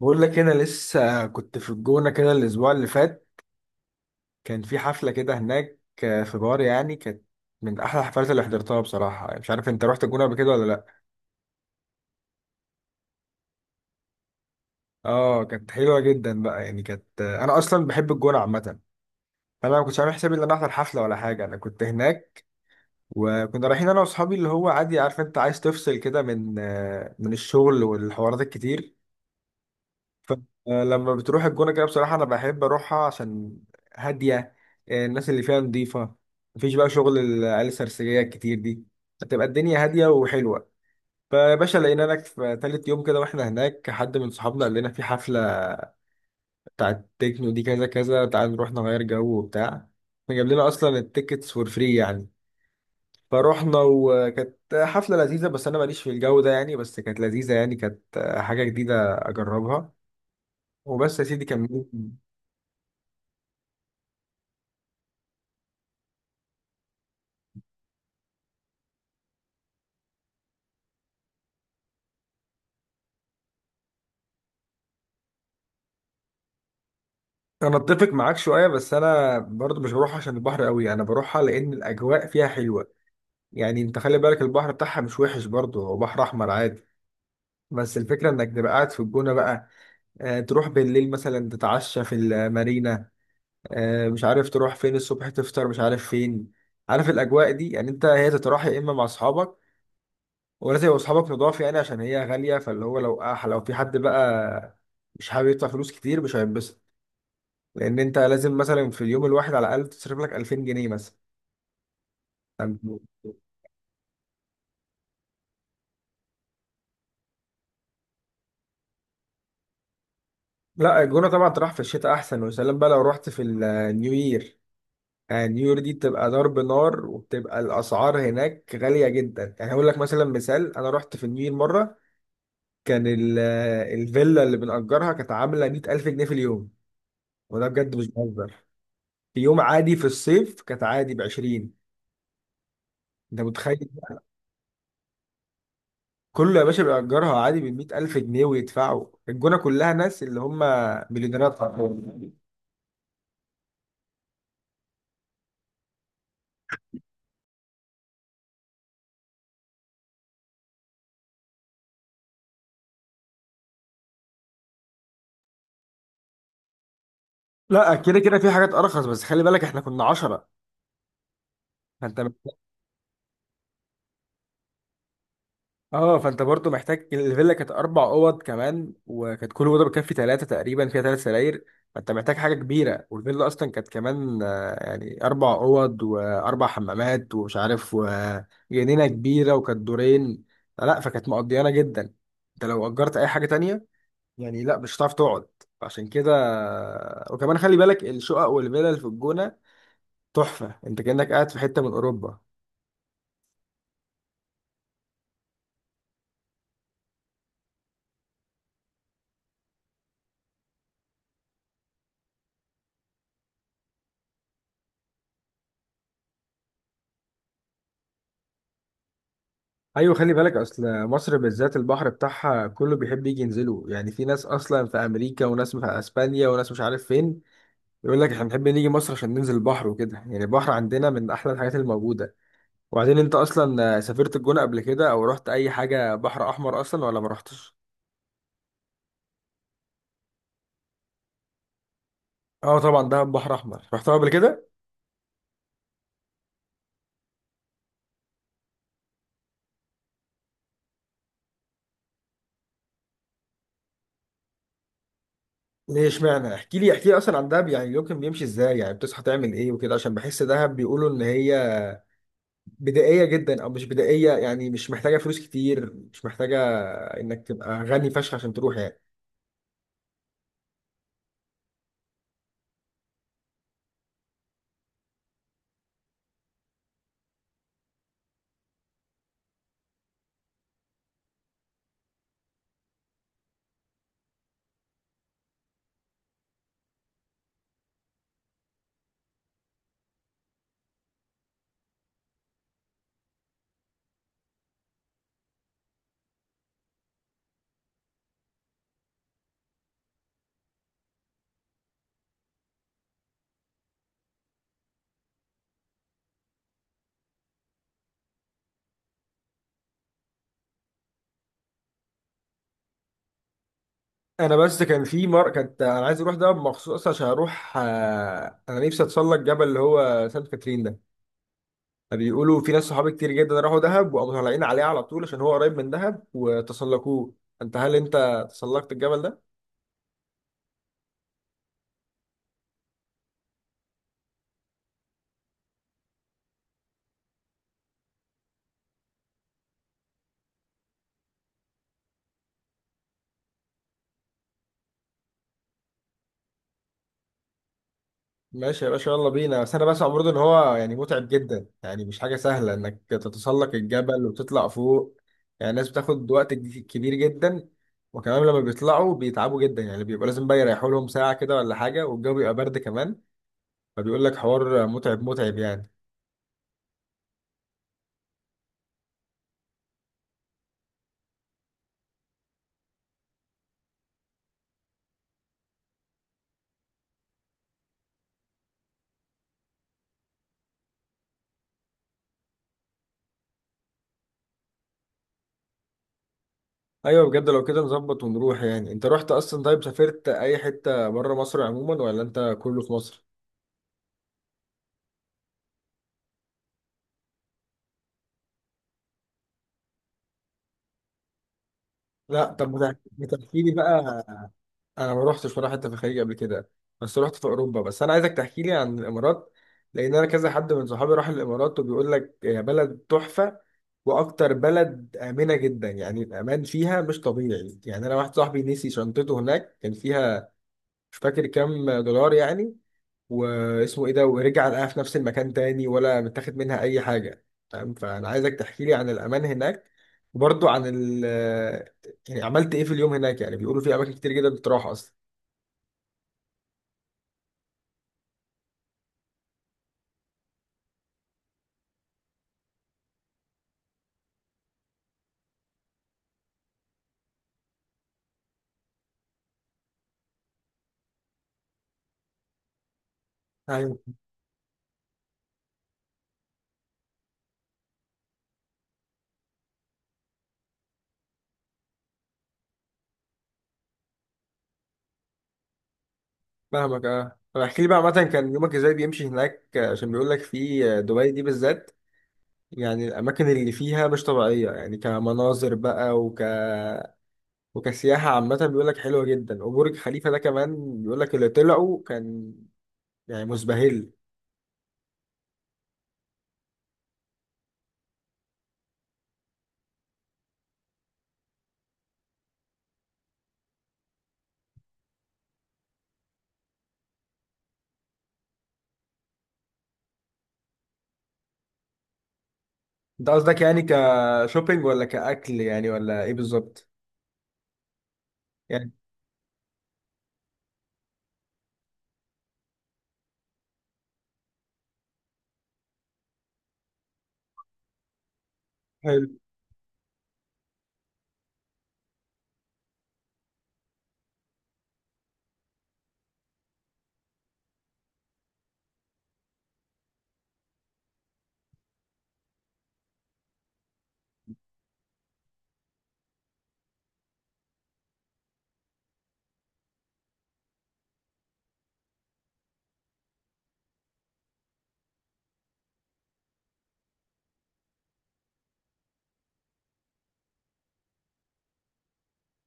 بقول لك انا لسه كنت في الجونة كده الاسبوع اللي فات. كان في حفلة كده هناك، في بار يعني، كانت من احلى الحفلات اللي حضرتها بصراحة. يعني مش عارف انت رحت الجونة قبل كده ولا لا. اه، كانت حلوة جدا بقى، يعني كانت، انا اصلا بحب الجونة عامة. فانا ما كنتش عامل حسابي ان انا احضر حفلة ولا حاجة، انا كنت هناك وكنا رايحين انا واصحابي، اللي هو عادي، عارف انت عايز تفصل كده من من الشغل والحوارات الكتير. فلما بتروح الجونة كده بصراحة، أنا بحب أروحها عشان هادية، الناس اللي فيها نظيفة، مفيش بقى شغل العيال السرسجية الكتير دي، هتبقى الدنيا هادية وحلوة. فيا باشا، لقينا لك في تالت يوم كده واحنا هناك، حد من صحابنا قال لنا في حفلة بتاعت تكنو دي، كذا كذا، تعال نروح نغير جو وبتاع. فجاب لنا أصلا التيكتس فور فري يعني. فروحنا وكانت حفلة لذيذة، بس أنا ماليش في الجو ده يعني، بس كانت لذيذة يعني، كانت حاجة جديدة أجربها وبس يا سيدي، كملت. انا اتفق معاك شويه، بس انا برضو مش بروح عشان البحر قوي، انا بروحها لان الاجواء فيها حلوه. يعني انت خلي بالك البحر بتاعها مش وحش برضو، هو بحر احمر عادي، بس الفكره انك تبقى قاعد في الجونه بقى. آه، تروح بالليل مثلا تتعشى في المارينا، آه مش عارف تروح فين الصبح تفطر مش عارف فين. عارف الاجواء دي يعني، انت هي تروح يا اما مع اصحابك، ولازم يبقوا اصحابك نضاف يعني عشان هي غاليه. فاللي هو لو في حد بقى مش حابب يدفع فلوس كتير، مش هينبسط. لان انت لازم مثلا في اليوم الواحد على الاقل تصرف لك 2000 جنيه مثلا. لا الجونه طبعا تروح في الشتاء احسن، وسلام بقى لو رحت في النيو يير. النيو يير دي بتبقى ضرب نار، وبتبقى الاسعار هناك غاليه جدا. يعني هقول لك مثلا، مثال، انا رحت في النيو يير مره، كان ال- الفيلا اللي بنأجرها كانت عامله 100000 جنيه في اليوم، وده بجد مش بهزر. في يوم عادي في الصيف كانت عادي ب 20. انت متخيل؟ كله يا باشا بيأجرها عادي ب 100000 جنيه، ويدفعوا الجونة كلها ناس اللي هم مليونيرات حرفياً. لا كده كده في حاجات أرخص، بس خلي بالك احنا كنا 10، فانت محتاج. اه فانت برضو محتاج، الفيلا كانت 4 أوض كمان، وكانت كل أوضة بتكفي 3 تقريبا، فيها 3 سراير. فانت محتاج حاجة كبيرة، والفيلا أصلا كانت كمان، يعني 4 أوض وأربع حمامات ومش عارف، وجنينة كبيرة، وكانت دورين. لا فكانت مقضيانة جدا. انت لو أجرت أي حاجة تانية يعني، لا مش هتعرف تقعد، عشان كده. وكمان خلي بالك الشقق والفلل في الجونة تحفة، انت كأنك قاعد في حتة من اوروبا. ايوه، خلي بالك اصل مصر بالذات البحر بتاعها كله بيحب يجي ينزله. يعني في ناس اصلا في امريكا، وناس في اسبانيا، وناس مش عارف فين، يقول لك احنا بنحب نيجي مصر عشان ننزل البحر وكده. يعني البحر عندنا من احلى الحاجات الموجودة. وبعدين انت اصلا سافرت الجونة قبل كده، او رحت اي حاجة بحر احمر اصلا ولا ما رحتش؟ اه طبعا ده بحر احمر، رحتها قبل كده. ليه اشمعنى؟ احكي لي اصلا عن دهب، يعني يمكن بيمشي ازاي، يعني بتصحى تعمل ايه وكده، عشان بحس دهب بيقولوا ان هي بدائيه جدا، او مش بدائيه يعني، مش محتاجه فلوس كتير، مش محتاجه انك تبقى غني فشخ عشان تروح يعني. انا بس كان في مر كانت، انا عايز اروح دهب مخصوص عشان اروح، انا نفسي اتسلق جبل اللي هو سانت كاترين ده. بيقولوا في ناس صحابي كتير جدا راحوا دهب وقاموا طالعين عليه على طول، عشان هو قريب من دهب، وتسلقوه. انت هل انت تسلقت الجبل ده؟ ماشي يا باشا، يلا بينا. بس انا بسمع برضه ان هو يعني متعب جدا، يعني مش حاجه سهله انك تتسلق الجبل وتطلع فوق. يعني الناس بتاخد وقت كبير جدا، وكمان لما بيطلعوا بيتعبوا جدا، يعني بيبقى لازم بقى يريحوا لهم ساعه كده ولا حاجه، والجو بيبقى برد كمان. فبيقول لك حوار متعب متعب يعني. ايوه بجد، لو كده نظبط ونروح. يعني انت رحت اصلا؟ طيب سافرت اي حته بره مصر عموما، ولا انت كله في مصر؟ لا طب ما تحكي لي بقى. انا ما روحتش ولا حته في الخليج قبل كده، بس روحت في اوروبا. بس انا عايزك تحكي لي عن الامارات، لان انا كذا حد من صحابي راح الامارات وبيقول لك يا بلد تحفه، واكتر بلد امنه جدا. يعني الامان فيها مش طبيعي، يعني انا واحد صاحبي نسي شنطته هناك، كان فيها مش فاكر كام دولار يعني، واسمه ايه ده، ورجع لقاها في نفس المكان تاني، ولا متاخد منها اي حاجه. فاهم؟ فانا عايزك تحكي لي عن الامان هناك، وبرضه عن ال، يعني عملت ايه في اليوم هناك، يعني بيقولوا في اماكن كتير جدا بتروح اصلا. ايوه، فاهمك. اه طب احكي لي بقى عامة كان يومك ازاي بيمشي هناك، آه، عشان بيقول لك في، آه، دبي دي بالذات يعني الاماكن اللي فيها مش طبيعية، يعني كمناظر بقى، وك، وكسياحة عامة بيقول لك حلوة جدا، وبرج خليفة ده كمان بيقول لك اللي طلعوا كان يعني مزبهل. انت قصدك يعني كشوبينج، ولا كأكل يعني، ولا ايه بالظبط؟ يعني حلو.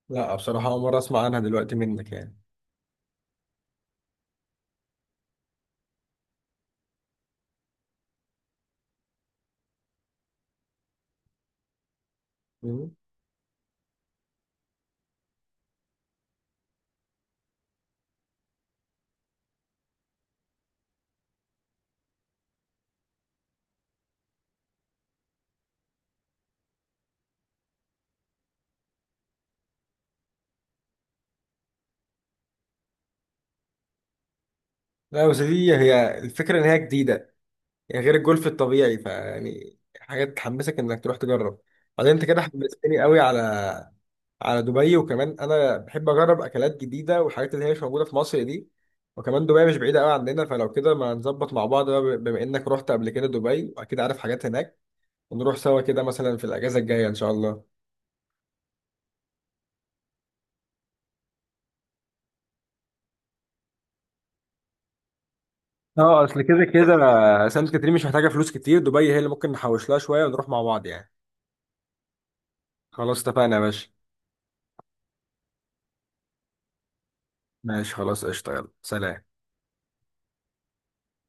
لا بصراحة أول مرة أسمع عنها دلوقتي منك يعني. مم. لا بس دي هي الفكرة، إن هي جديدة يعني، غير الجولف الطبيعي، فيعني حاجات تحمسك انك تروح تجرب. بعدين انت كده حمستني قوي على، على دبي، وكمان انا بحب اجرب اكلات جديده والحاجات اللي هي مش موجوده في مصر دي. وكمان دبي مش بعيده قوي عندنا، فلو كده ما نظبط مع بعض بقى، بما انك رحت قبل كده دبي واكيد عارف حاجات هناك، ونروح سوا كده مثلا في الاجازه الجايه ان شاء الله. اه اصل كده كده سانت كاترين مش محتاجه فلوس كتير، دبي هي اللي ممكن نحوش لها شويه ونروح مع بعض يعني. خلاص اتفقنا يا باشا. ماشي خلاص، قشطه، يلا سلام.